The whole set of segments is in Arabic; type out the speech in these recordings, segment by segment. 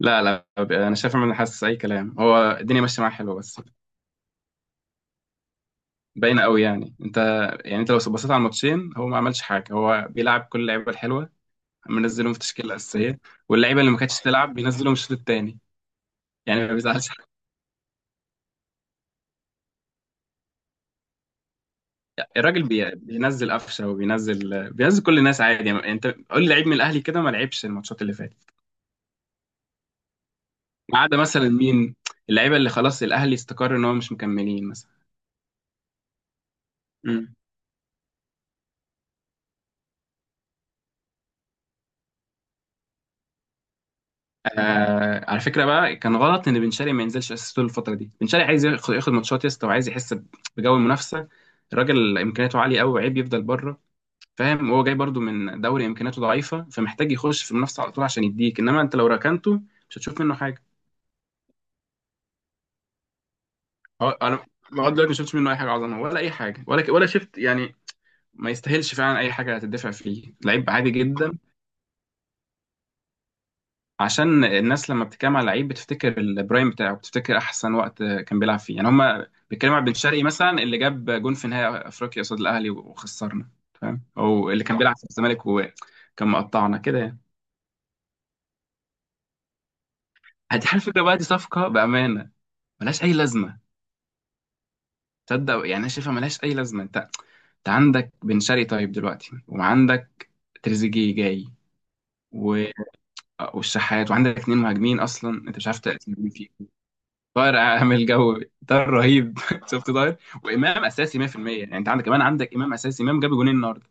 لا، لا، انا شايف ان انا حاسس اي كلام. هو الدنيا ماشيه معاه حلوه بس، باينه قوي. يعني انت، يعني انت لو بصيت على الماتشين، هو ما عملش حاجه. هو بيلعب كل اللعيبه الحلوه، منزلهم في التشكيله الاساسيه، واللعيبه اللي ما كانتش تلعب بينزلهم الشوط الثاني، يعني ما بيزعلش حد. الراجل بينزل قفشه، وبينزل كل الناس عادي. يعني انت قول لي لعيب من الاهلي كده ما لعبش الماتشات اللي فاتت، ما عدا مثلا مين؟ اللعيبه اللي خلاص الاهلي استقر ان هم مش مكملين مثلا. آه، على فكره بقى، كان غلط ان بن شرقي ما ينزلش اساسي طول الفتره دي. بن شرقي عايز ياخد ماتشات يا اسطى، وعايز يحس بجو المنافسه. الراجل امكانياته عاليه قوي، وعيب يفضل بره، فاهم؟ وهو جاي برضو من دوري امكانياته ضعيفه، فمحتاج يخش في المنافسه على طول عشان يديك. انما انت لو ركنته مش هتشوف منه حاجه. انا لغايه دلوقتي ما شفتش منه اي حاجه عظمه، ولا اي حاجه، ولا شفت يعني. ما يستاهلش فعلا اي حاجه هتدفع فيه، لعيب عادي جدا. عشان الناس لما بتتكلم على لعيب بتفتكر البرايم بتاعه، بتفتكر احسن وقت كان بيلعب فيه. يعني هما بيتكلموا على بن شرقي مثلا اللي جاب جون في نهائي افريقيا قصاد الاهلي وخسرنا، فاهم؟ او اللي كان بيلعب في الزمالك وكان مقطعنا كده يعني. هتحل الفكره بقى، دي صفقه بامانه ملهاش اي لازمه. تصدق يعني انا شايفها ملهاش اي لازمه. انت، انت عندك بن شرقي طيب دلوقتي، وعندك تريزيجيه جاي و... والشحات، وعندك اتنين مهاجمين اصلا انت مش عارف تأثير مين فيهم. طاهر عامل جو، طاهر رهيب. شفت طاهر؟ وامام اساسي 100%. يعني انت عندك كمان، عندك امام اساسي، امام جاب جونين النهارده.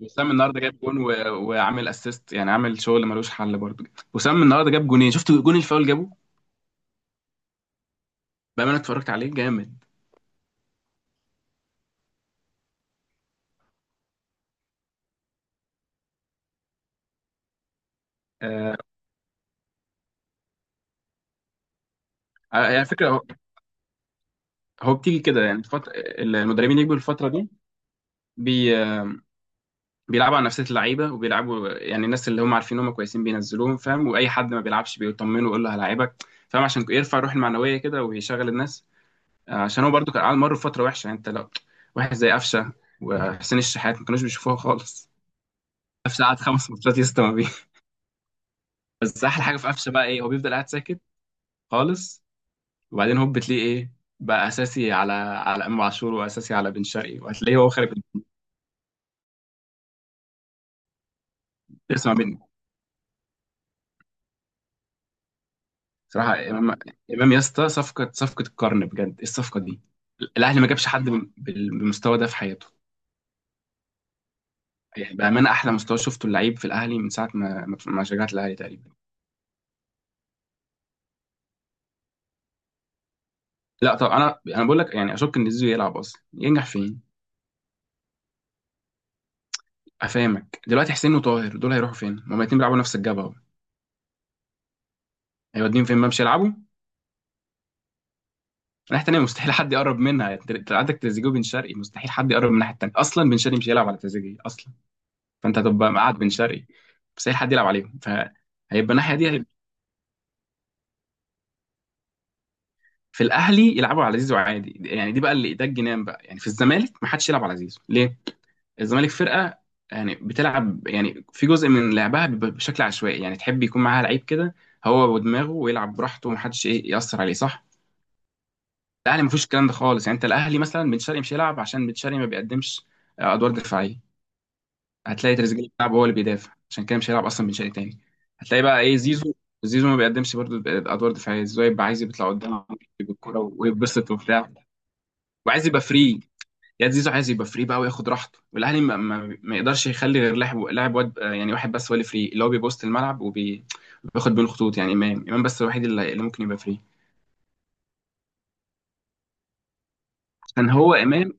وسام النهارده جاب جون وعامل اسيست، يعني عامل شغل ملوش حل برضه. وسام النهارده جاب جونين، شفت جون الفاول جابه؟ بقى انا اتفرجت عليه جامد. آه... يعني فكره، هو بتيجي كده. يعني المدربين يجوا الفتره دي، بي... بيلعبوا على نفسيه اللعيبه، وبيلعبوا يعني الناس اللي هم عارفين هم كويسين بينزلوهم، فاهم؟ واي حد ما بيلعبش بيطمنه ويقول له هلاعبك، فاهم؟ عشان يرفع الروح المعنويه كده ويشغل الناس. عشان هو برضو كان قاعد مر بفتره وحشه. يعني انت لو واحد زي قفشه وحسين الشحات ما كانوش بيشوفوها خالص، قفشه قعد خمس ماتشات يسطا ما بيه. بس احلى حاجه في قفشه بقى ايه؟ هو بيفضل قاعد ساكت خالص، وبعدين هوب بتلاقيه ايه؟ بقى اساسي على امام عاشور، واساسي على بن شرقي، وهتلاقيه هو خارج. اسمع مني. صراحه امام، امام يا اسطى، صفقه، صفقه القرن بجد. ايه الصفقه دي؟ الاهلي ما جابش حد بالمستوى ده في حياته. يعني بامانه احلى مستوى شفته اللعيب في الاهلي من ساعه ما شجعت الاهلي تقريبا. لا طب، انا بقول لك، يعني اشك ان زيزو يلعب اصلا، ينجح فين؟ افهمك دلوقتي، حسين وطاهر دول هيروحوا فين؟ ما هما الاتنين بيلعبوا نفس الجبهه اهو، هيوديهم فين ما مش يلعبوا. الناحيه التانيه مستحيل حد يقرب منها. يعني عندك تريزيجيه وبن شرقي، مستحيل حد يقرب من الناحيه التانيه اصلا، بن شرقي مش هيلعب على تريزيجيه اصلا. فانت هتبقى قاعد بن شرقي مستحيل حد يلعب عليهم، فهيبقى الناحيه دي هيبقى. في الاهلي يلعبوا على زيزو عادي يعني؟ دي بقى اللي ده الجنان بقى. يعني في الزمالك ما حدش يلعب على زيزو ليه؟ الزمالك فرقه يعني بتلعب، يعني في جزء من لعبها بيبقى بشكل عشوائي، يعني تحب يكون معاها لعيب كده هو ودماغه ويلعب براحته، ومحدش ايه يأثر عليه، صح. الاهلي مفيش الكلام ده خالص. يعني انت الاهلي مثلا بن شرقي مش هيلعب عشان بن شرقي ما بيقدمش ادوار دفاعيه. هتلاقي تريزيجيه بيلعب هو اللي بيدافع، عشان كده مش هيلعب اصلا بن شرقي تاني. هتلاقي بقى ايه؟ زيزو. زيزو، ما بيقدمش برضه ادوار دفاعيه. زيزو يبقى عايز يطلع قدام بالكوره ويتبسط وبتاع، وعايز يبقى فري. يا زيزو، عايز يبقى فري بقى وياخد راحته، والاهلي ما يقدرش يخلي غير لاعب، لاعب واد. يعني واحد بس هو اللي فري، اللي هو بيبوست الملعب وبياخد بين الخطوط. يعني امام، امام بس الوحيد اللي ممكن يبقى فري. كان هو امام.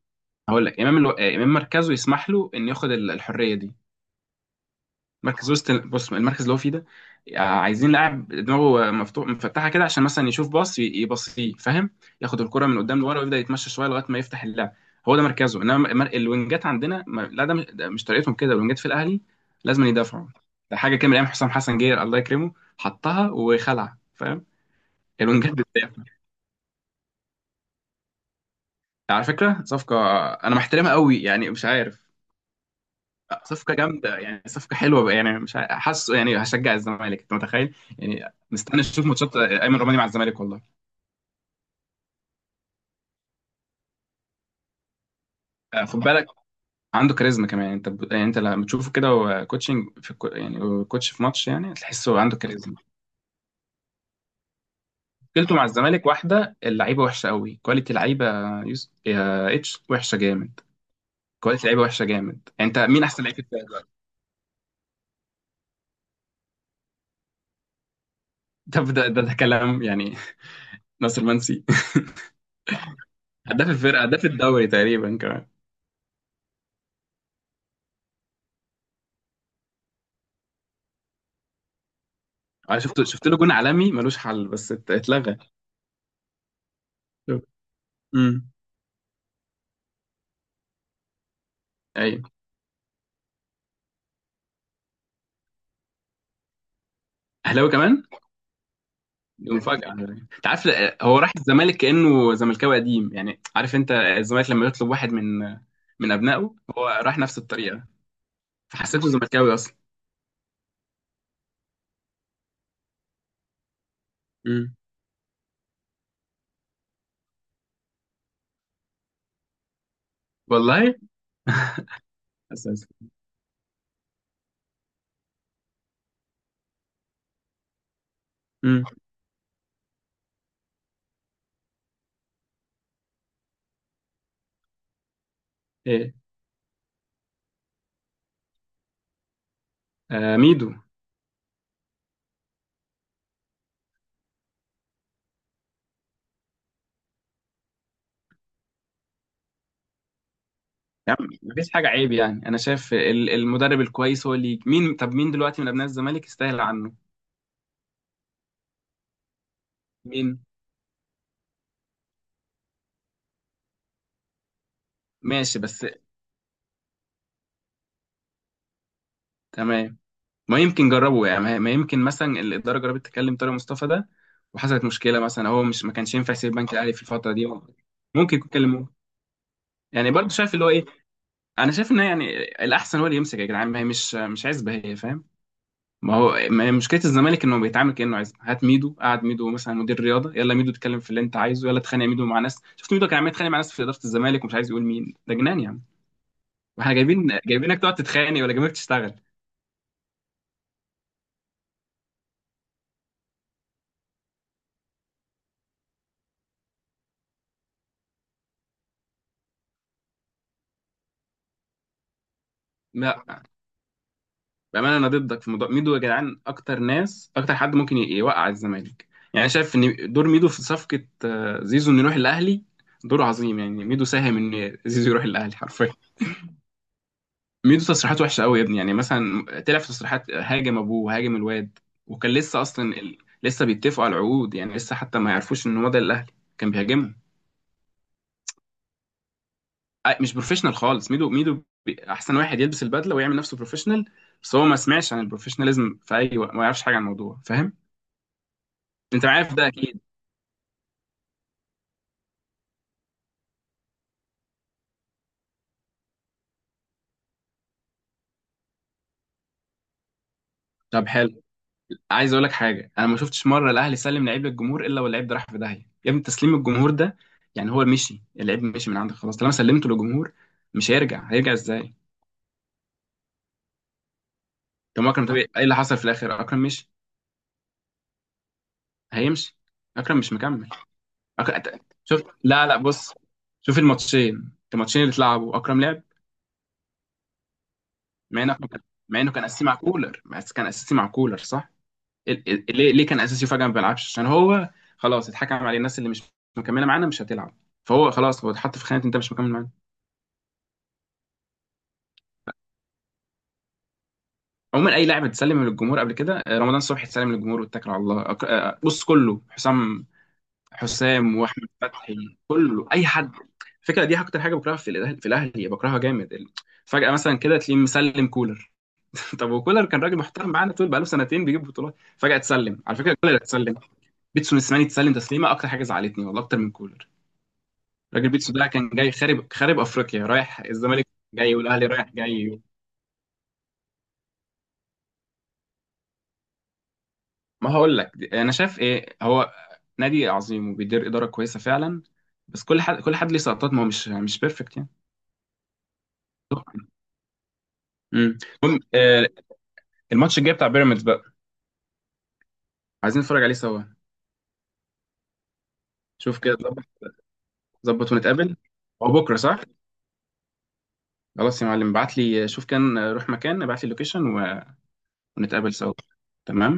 هقول لك امام الو... آه، امام مركزه يسمح له انه ياخد الحريه دي. مركز وسط، بص المركز اللي هو فيه ده، عايزين لاعب دماغه مفتوح، مفتحه كده، عشان مثلا يشوف باص يبصيه، فاهم؟ ياخد الكره من قدام لورا ويبدا يتمشى شويه لغايه ما يفتح اللعب. هو ده مركزه. انما الوينجات عندنا، لا، ده مش، ده مش طريقتهم كده، الوينجات في الاهلي لازم يدافعوا. ده حاجه كان من ايام حسام حسن، جير الله يكرمه، حطها وخلع، فاهم؟ الوينجات بتدافع. على فكره صفقه، انا محترمها قوي، يعني مش عارف. لا، صفقة جامدة، يعني صفقة حلوة، يعني مش حاسه يعني هشجع الزمالك، انت متخيل؟ يعني مستني اشوف ماتشات ايمن رمادي مع الزمالك والله. خد بالك، عنده كاريزما كمان. انت يعني انت لما تشوفه كده هو كوتشنج في يعني هو كوتش في ماتش، يعني تحسه عنده كاريزما. مشكلته مع الزمالك واحدة، اللعيبة وحشة قوي، كواليتي لعيبة يا اتش وحشة جامد. كواليتي لعيبة وحشة جامد. يعني انت مين احسن لعيب في الفرقة دلوقتي؟ ده كلام يعني. ناصر منسي. هداف الفرقة، هداف الدوري تقريبا كمان. انا شفت له جون عالمي ملوش حل، بس اتلغى. امم. ايوه. اهلاوي كمان. دي مفاجاه على فكرة. انت عارف، هو راح الزمالك كانه زملكاوي قديم. يعني عارف انت الزمالك لما يطلب واحد من ابنائه، هو راح نفس الطريقه، فحسيته زملكاوي اصلا. امم. والله. اساسا. امم. ايه؟ آه، ميدو. يا عم مفيش حاجه عيب. يعني انا شايف المدرب الكويس هو اللي مين، طب مين دلوقتي من ابناء الزمالك يستاهل عنه؟ مين؟ ماشي. بس تمام. ما يمكن جربوا، يعني ما يمكن مثلا الاداره جربت تكلم طارق مصطفى ده، وحصلت مشكله مثلا، هو مش، ما كانش ينفع يسيب البنك الاهلي في الفتره دي. ممكن يكون كلموه. يعني برضه شايف اللي هو ايه. انا شايف ان يعني الاحسن هو اللي يمسك يا جدعان، ما هي مش عزبه هي، فاهم؟ ما هو، ما هي مشكله الزمالك انه بيتعامل كانه عزبه. هات ميدو، قعد ميدو مثلا مدير رياضه، يلا ميدو اتكلم في اللي انت عايزه، يلا اتخانق يا ميدو مع ناس. شفت ميدو كان عمال يتخانق مع ناس في اداره الزمالك، ومش عايز يقول مين. ده جنان يعني. واحنا جايبين، جايبينك تقعد تتخانق، ولا جايبينك تشتغل؟ ما بامانه انا ضدك في موضوع ميدو يا جدعان، اكتر ناس، اكتر حد ممكن يوقع الزمالك. يعني أنا شايف ان دور ميدو في صفقه زيزو، انه يروح الاهلي، دور عظيم. يعني ميدو ساهم ان زيزو يروح الاهلي حرفيا. ميدو تصريحاته وحشه قوي يا ابني. يعني مثلا طلع في تصريحات هاجم ابوه وهاجم الواد، وكان لسه اصلا لسه بيتفقوا على العقود، يعني لسه حتى ما يعرفوش ان هو ده الاهلي، كان بيهاجمهم. مش بروفيشنال خالص ميدو. ميدو، احسن واحد يلبس البدله ويعمل نفسه بروفيشنال، بس هو ما سمعش عن البروفيشناليزم في اي وقت، ما يعرفش حاجه عن الموضوع، فاهم؟ انت عارف ده اكيد. طب حلو. عايز اقول لك حاجه. انا ما شفتش مره الاهلي سلم لعيب للجمهور الا واللعيب ده راح في داهيه يا ابني. تسليم الجمهور ده، يعني هو مشي، اللعيب مشي من عندك خلاص طالما سلمته للجمهور، مش هيرجع. هيرجع ازاي؟ طب، ما اكرم طبيعي، ايه اللي حصل في الاخر؟ اكرم مشي. هيمشي. اكرم مش مكمل. شوف، لا، لا، بص، شوف الماتشين، الماتشين اللي اتلعبوا اكرم لعب، مع انه مع انه كان اساسي مع كولر. بس كان اساسي مع كولر صح؟ ليه كان اساسي وفجاه ما بيلعبش؟ عشان هو خلاص اتحكم عليه، الناس اللي مش مكمله معانا مش هتلعب، فهو خلاص، هو اتحط في خانه انت مش مكمل معانا. عموما اي لاعب اتسلم للجمهور قبل كده، رمضان صبحي اتسلم للجمهور واتكل على الله. بص كله، حسام، حسام واحمد فتحي، كله اي حد. الفكره دي اكتر حاجه بكرهها في الاهلي، في الاهلي بكرهها جامد فجاه مثلا كده تلاقيه مسلم كولر. طب، وكولر كان راجل محترم معانا طول بقاله سنتين بيجيب بطولات، فجاه اتسلم. على فكره كولر اتسلم. بيتسون السماني اتسلم تسليمه اكتر حاجه زعلتني والله، اكتر من كولر. راجل بيتسو ده كان جاي خارب خارب افريقيا، رايح الزمالك جاي، والاهلي رايح جاي. ما هقول لك، انا شايف ايه، هو نادي عظيم وبيدير اداره كويسه فعلا، بس كل حد، كل حد ليه سقطات. ما هو مش بيرفكت يعني. امم. المهم، الماتش الجاي بتاع بيراميدز بقى عايزين نتفرج عليه سوا. شوف كده ظبط. ظبط ونتقابل. هو بكره صح؟ خلاص يا معلم، ابعت لي، شوف، كان آه، روح مكان، ابعت لي اللوكيشن ونتقابل سوا. تمام